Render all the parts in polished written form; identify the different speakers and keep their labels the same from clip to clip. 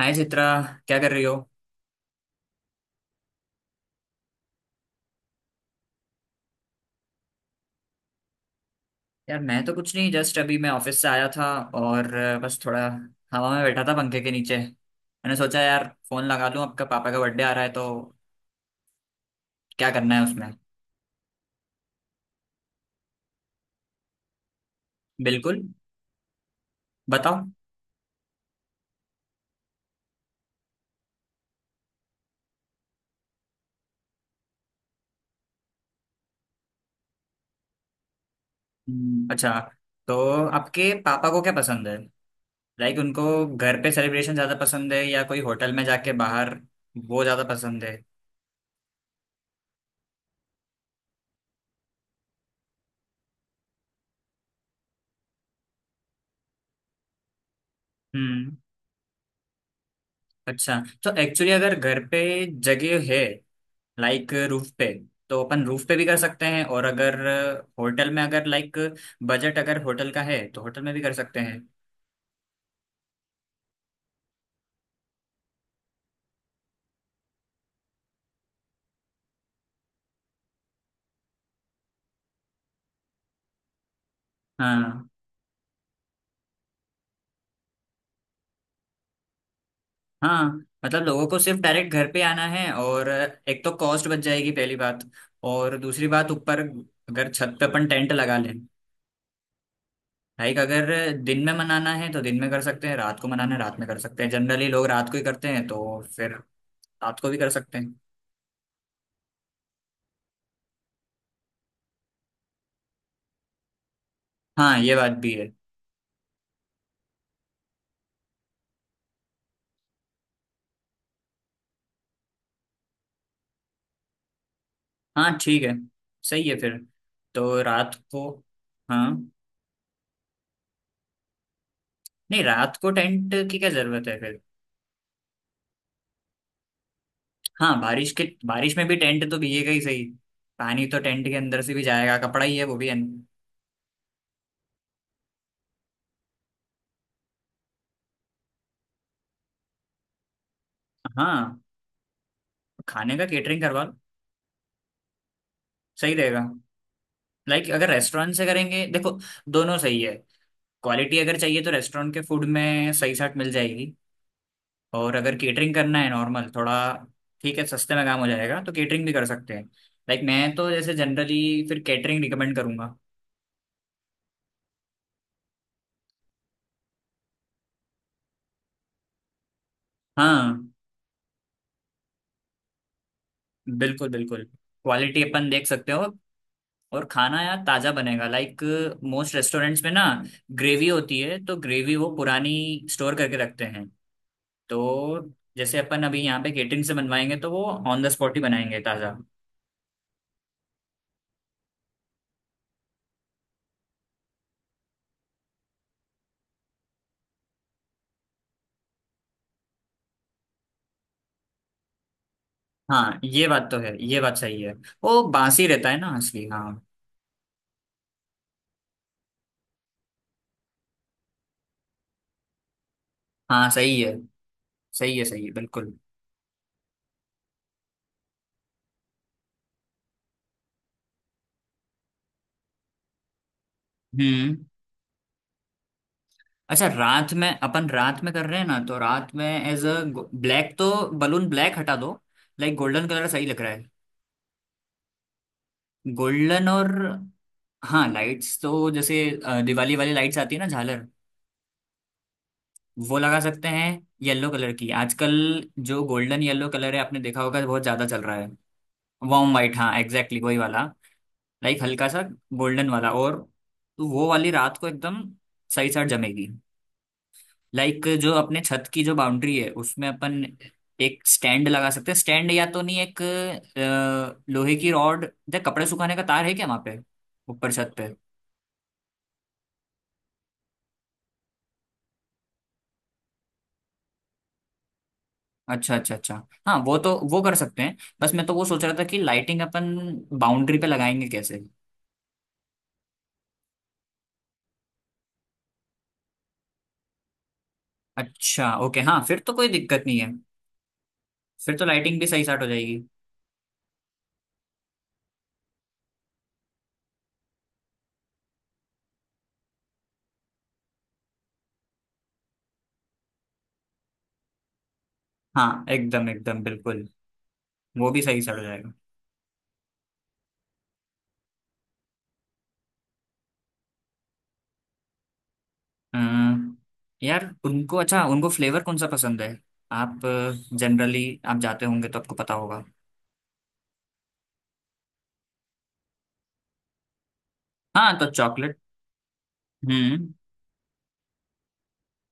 Speaker 1: हाय चित्रा, क्या कर रही हो? यार मैं तो कुछ नहीं, जस्ट अभी मैं ऑफिस से आया था, और बस थोड़ा हवा में बैठा था पंखे के नीचे। मैंने सोचा यार फोन लगा लूं, आपका पापा का बर्थडे आ रहा है तो क्या करना है उसमें। बिल्कुल, बताओ। अच्छा, तो आपके पापा को क्या पसंद है? लाइक उनको घर पे सेलिब्रेशन ज्यादा पसंद है, या कोई होटल में जाके बाहर वो ज्यादा पसंद है? हम्म अच्छा, तो एक्चुअली अगर घर पे जगह है, लाइक रूफ पे, तो अपन रूफ पे भी कर सकते हैं, और अगर होटल में, अगर लाइक बजट अगर होटल का है तो होटल में भी कर सकते हैं। हाँ। हाँ, मतलब लोगों को सिर्फ डायरेक्ट घर पे आना है, और एक तो कॉस्ट बच जाएगी पहली बात, और दूसरी बात ऊपर अगर छत पे अपन टेंट लगा लें। लाइक अगर दिन में मनाना है तो दिन में कर सकते हैं, रात को मनाना है रात में कर सकते हैं। जनरली लोग रात को ही करते हैं, तो फिर रात को भी कर सकते हैं। हाँ ये बात भी है। हाँ ठीक है, सही है फिर। तो रात को। हाँ। नहीं, रात को टेंट की क्या जरूरत है फिर? हाँ बारिश के, बारिश में भी टेंट तो भीगेगा ही, सही। पानी तो टेंट के अंदर से भी जाएगा, कपड़ा ही है वो भी अन-। हाँ, खाने का केटरिंग करवा लो, सही रहेगा। लाइक अगर रेस्टोरेंट से करेंगे, देखो दोनों सही है। क्वालिटी अगर चाहिए तो रेस्टोरेंट के फूड में सही साट मिल जाएगी, और अगर केटरिंग करना है नॉर्मल थोड़ा, ठीक है, सस्ते में काम हो जाएगा तो केटरिंग भी कर सकते हैं। लाइक मैं तो जैसे जनरली फिर कैटरिंग रिकमेंड करूंगा। हाँ बिल्कुल बिल्कुल, क्वालिटी अपन देख सकते हो, और खाना यार ताजा बनेगा। लाइक मोस्ट रेस्टोरेंट्स में ना, ग्रेवी होती है, तो ग्रेवी वो पुरानी स्टोर करके रखते हैं। तो जैसे अपन अभी यहाँ पे केटरिंग से बनवाएंगे तो वो ऑन द स्पॉट ही बनाएंगे, ताजा। हाँ ये बात तो है, ये बात सही है। वो बासी रहता है ना असली, हाँ। हाँ, सही है सही है सही है, बिल्कुल। हम्म। अच्छा, रात में कर रहे हैं ना, तो रात में एज अ ब्लैक तो, बलून ब्लैक हटा दो। लाइक गोल्डन कलर सही लग रहा है। गोल्डन, और हाँ लाइट्स तो जैसे दिवाली वाली लाइट्स आती है ना, झालर, वो लगा सकते हैं। येलो कलर की आजकल, जो गोल्डन येलो कलर है, आपने देखा होगा, बहुत ज्यादा चल रहा है। वार्म वाइट, हाँ एग्जैक्टली वही वाला। लाइक हल्का सा गोल्डन वाला, और तो वो वाली रात को एकदम सही साथ जमेगी। लाइक जो अपने छत की जो बाउंड्री है, उसमें अपन एक स्टैंड लगा सकते हैं, स्टैंड या तो नहीं, एक लोहे की रॉड, या कपड़े सुखाने का तार है क्या वहां पे ऊपर छत पे? अच्छा अच्छा अच्छा, हाँ वो तो वो कर सकते हैं। बस मैं तो वो सोच रहा था कि लाइटिंग अपन बाउंड्री पे लगाएंगे कैसे? अच्छा ओके, हाँ फिर तो कोई दिक्कत नहीं है। फिर तो लाइटिंग भी सही स्टार्ट हो जाएगी। हाँ एकदम एकदम बिल्कुल। वो भी सही स्टार्ट हो जाएगा। अम्म, यार उनको, अच्छा उनको फ्लेवर कौन सा पसंद है? आप जनरली आप जाते होंगे तो आपको पता होगा। हाँ तो चॉकलेट। हम्म,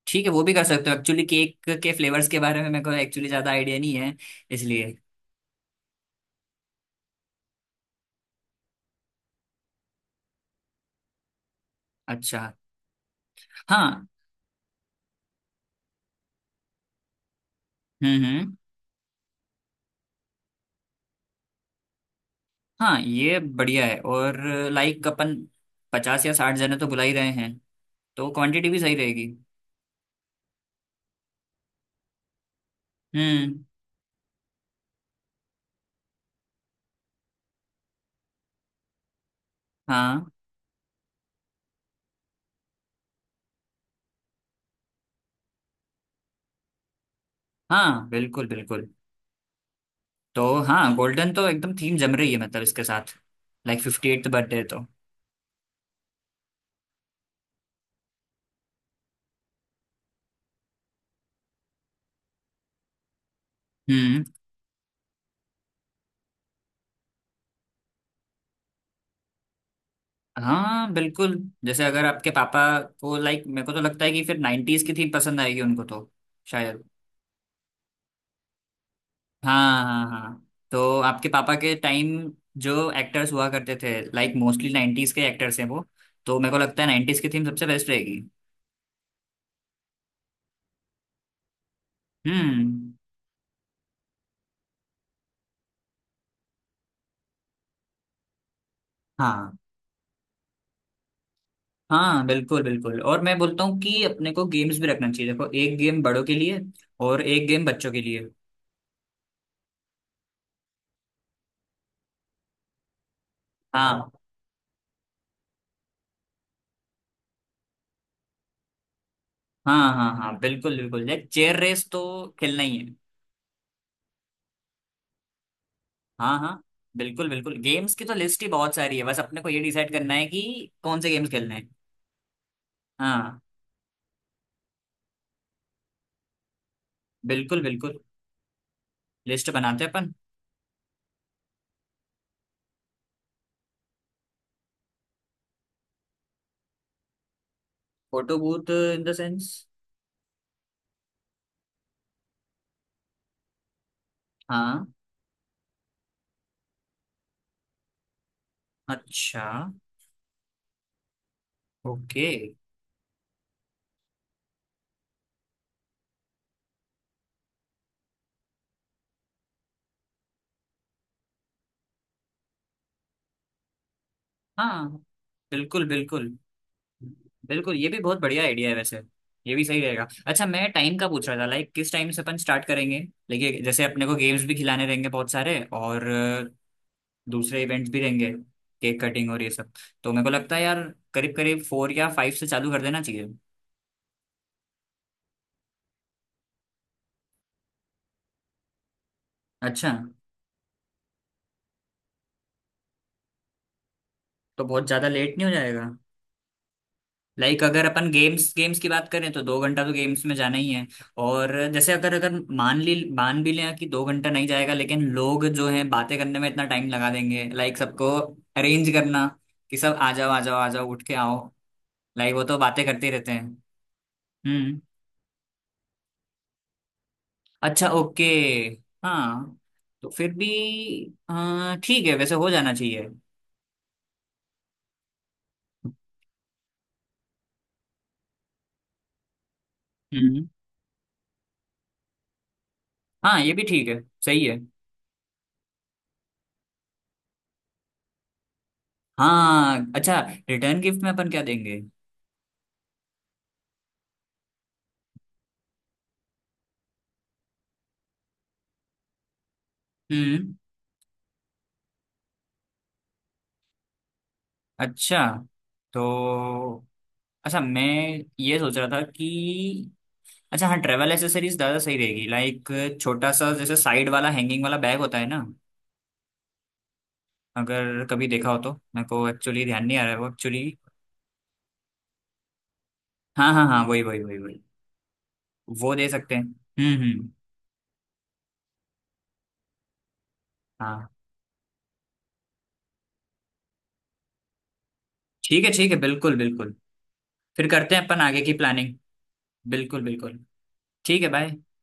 Speaker 1: ठीक है वो भी कर सकते हो। एक्चुअली केक के फ्लेवर्स के बारे में मेरे को एक्चुअली ज्यादा आइडिया नहीं है, इसलिए। अच्छा। हाँ। हम्म। हाँ ये बढ़िया है, और लाइक अपन 50 या 60 जने तो बुला ही रहे हैं, तो क्वांटिटी भी सही रहेगी। हम्म। हाँ हाँ बिल्कुल बिल्कुल। तो हाँ, गोल्डन तो एकदम थीम जम रही है, मतलब इसके साथ, लाइक फिफ्टी एट बर्थडे तो। हम्म। हाँ बिल्कुल, जैसे अगर आपके पापा को, लाइक मेरे को तो लगता है कि फिर नाइन्टीज की थीम पसंद आएगी उनको तो, शायद। हाँ हाँ हाँ, तो आपके पापा के टाइम जो एक्टर्स हुआ करते थे, लाइक मोस्टली नाइन्टीज के एक्टर्स हैं वो, तो मेरे को लगता है नाइन्टीज की थीम सबसे बेस्ट रहेगी। हम्म। हाँ हाँ बिल्कुल बिल्कुल, और मैं बोलता हूँ कि अपने को गेम्स भी रखना चाहिए। देखो एक गेम बड़ों के लिए और एक गेम बच्चों के लिए। हाँ। हाँ हाँ हाँ बिल्कुल बिल्कुल, लाइक चेयर रेस तो खेलना ही है। हाँ हाँ बिल्कुल बिल्कुल, गेम्स की तो लिस्ट ही बहुत सारी है, बस अपने को ये डिसाइड करना है कि कौन से गेम्स खेलने हैं। हाँ बिल्कुल बिल्कुल, लिस्ट बनाते हैं अपन। Photo booth in the sense? हाँ। अच्छा ओके। हाँ बिल्कुल बिल्कुल। बिल्कुल ये भी बहुत बढ़िया आइडिया है वैसे, ये भी सही रहेगा। अच्छा मैं टाइम का पूछ रहा था, लाइक किस टाइम से अपन स्टार्ट करेंगे, लेकिन जैसे अपने को गेम्स भी खिलाने रहेंगे बहुत सारे, और दूसरे इवेंट्स भी रहेंगे, केक कटिंग और ये सब। तो मेरे को लगता है यार करीब करीब फोर या फाइव से चालू कर देना चाहिए। अच्छा। तो बहुत ज़्यादा लेट नहीं हो जाएगा? लाइक अगर अपन गेम्स गेम्स की बात करें तो 2 घंटा तो गेम्स में जाना ही है। और जैसे अगर अगर मान भी लें कि 2 घंटा नहीं जाएगा, लेकिन लोग जो हैं बातें करने में इतना टाइम लगा देंगे, लाइक सबको अरेंज करना कि सब आ जाओ आ जाओ आ जाओ उठ के आओ, लाइक वो तो बातें करते ही रहते हैं। हम्म। अच्छा ओके। हाँ तो फिर भी, हाँ ठीक है वैसे हो जाना चाहिए। हम्म। हाँ ये भी ठीक है, सही है। हाँ अच्छा, रिटर्न गिफ्ट में अपन क्या देंगे? हम्म। अच्छा तो, अच्छा मैं ये सोच रहा था कि, अच्छा हाँ ट्रैवल एसेसरीज ज़्यादा सही रहेगी, लाइक छोटा सा जैसे साइड वाला हैंगिंग वाला बैग होता है ना, अगर कभी देखा हो तो, मेरे को एक्चुअली ध्यान नहीं आ रहा है वो, एक्चुअली। हाँ हाँ हाँ वही वही वही वही, वो दे सकते हैं। हम्म। हाँ ठीक है बिल्कुल बिल्कुल। फिर करते हैं अपन आगे की प्लानिंग, बिल्कुल बिल्कुल। ठीक है बाय।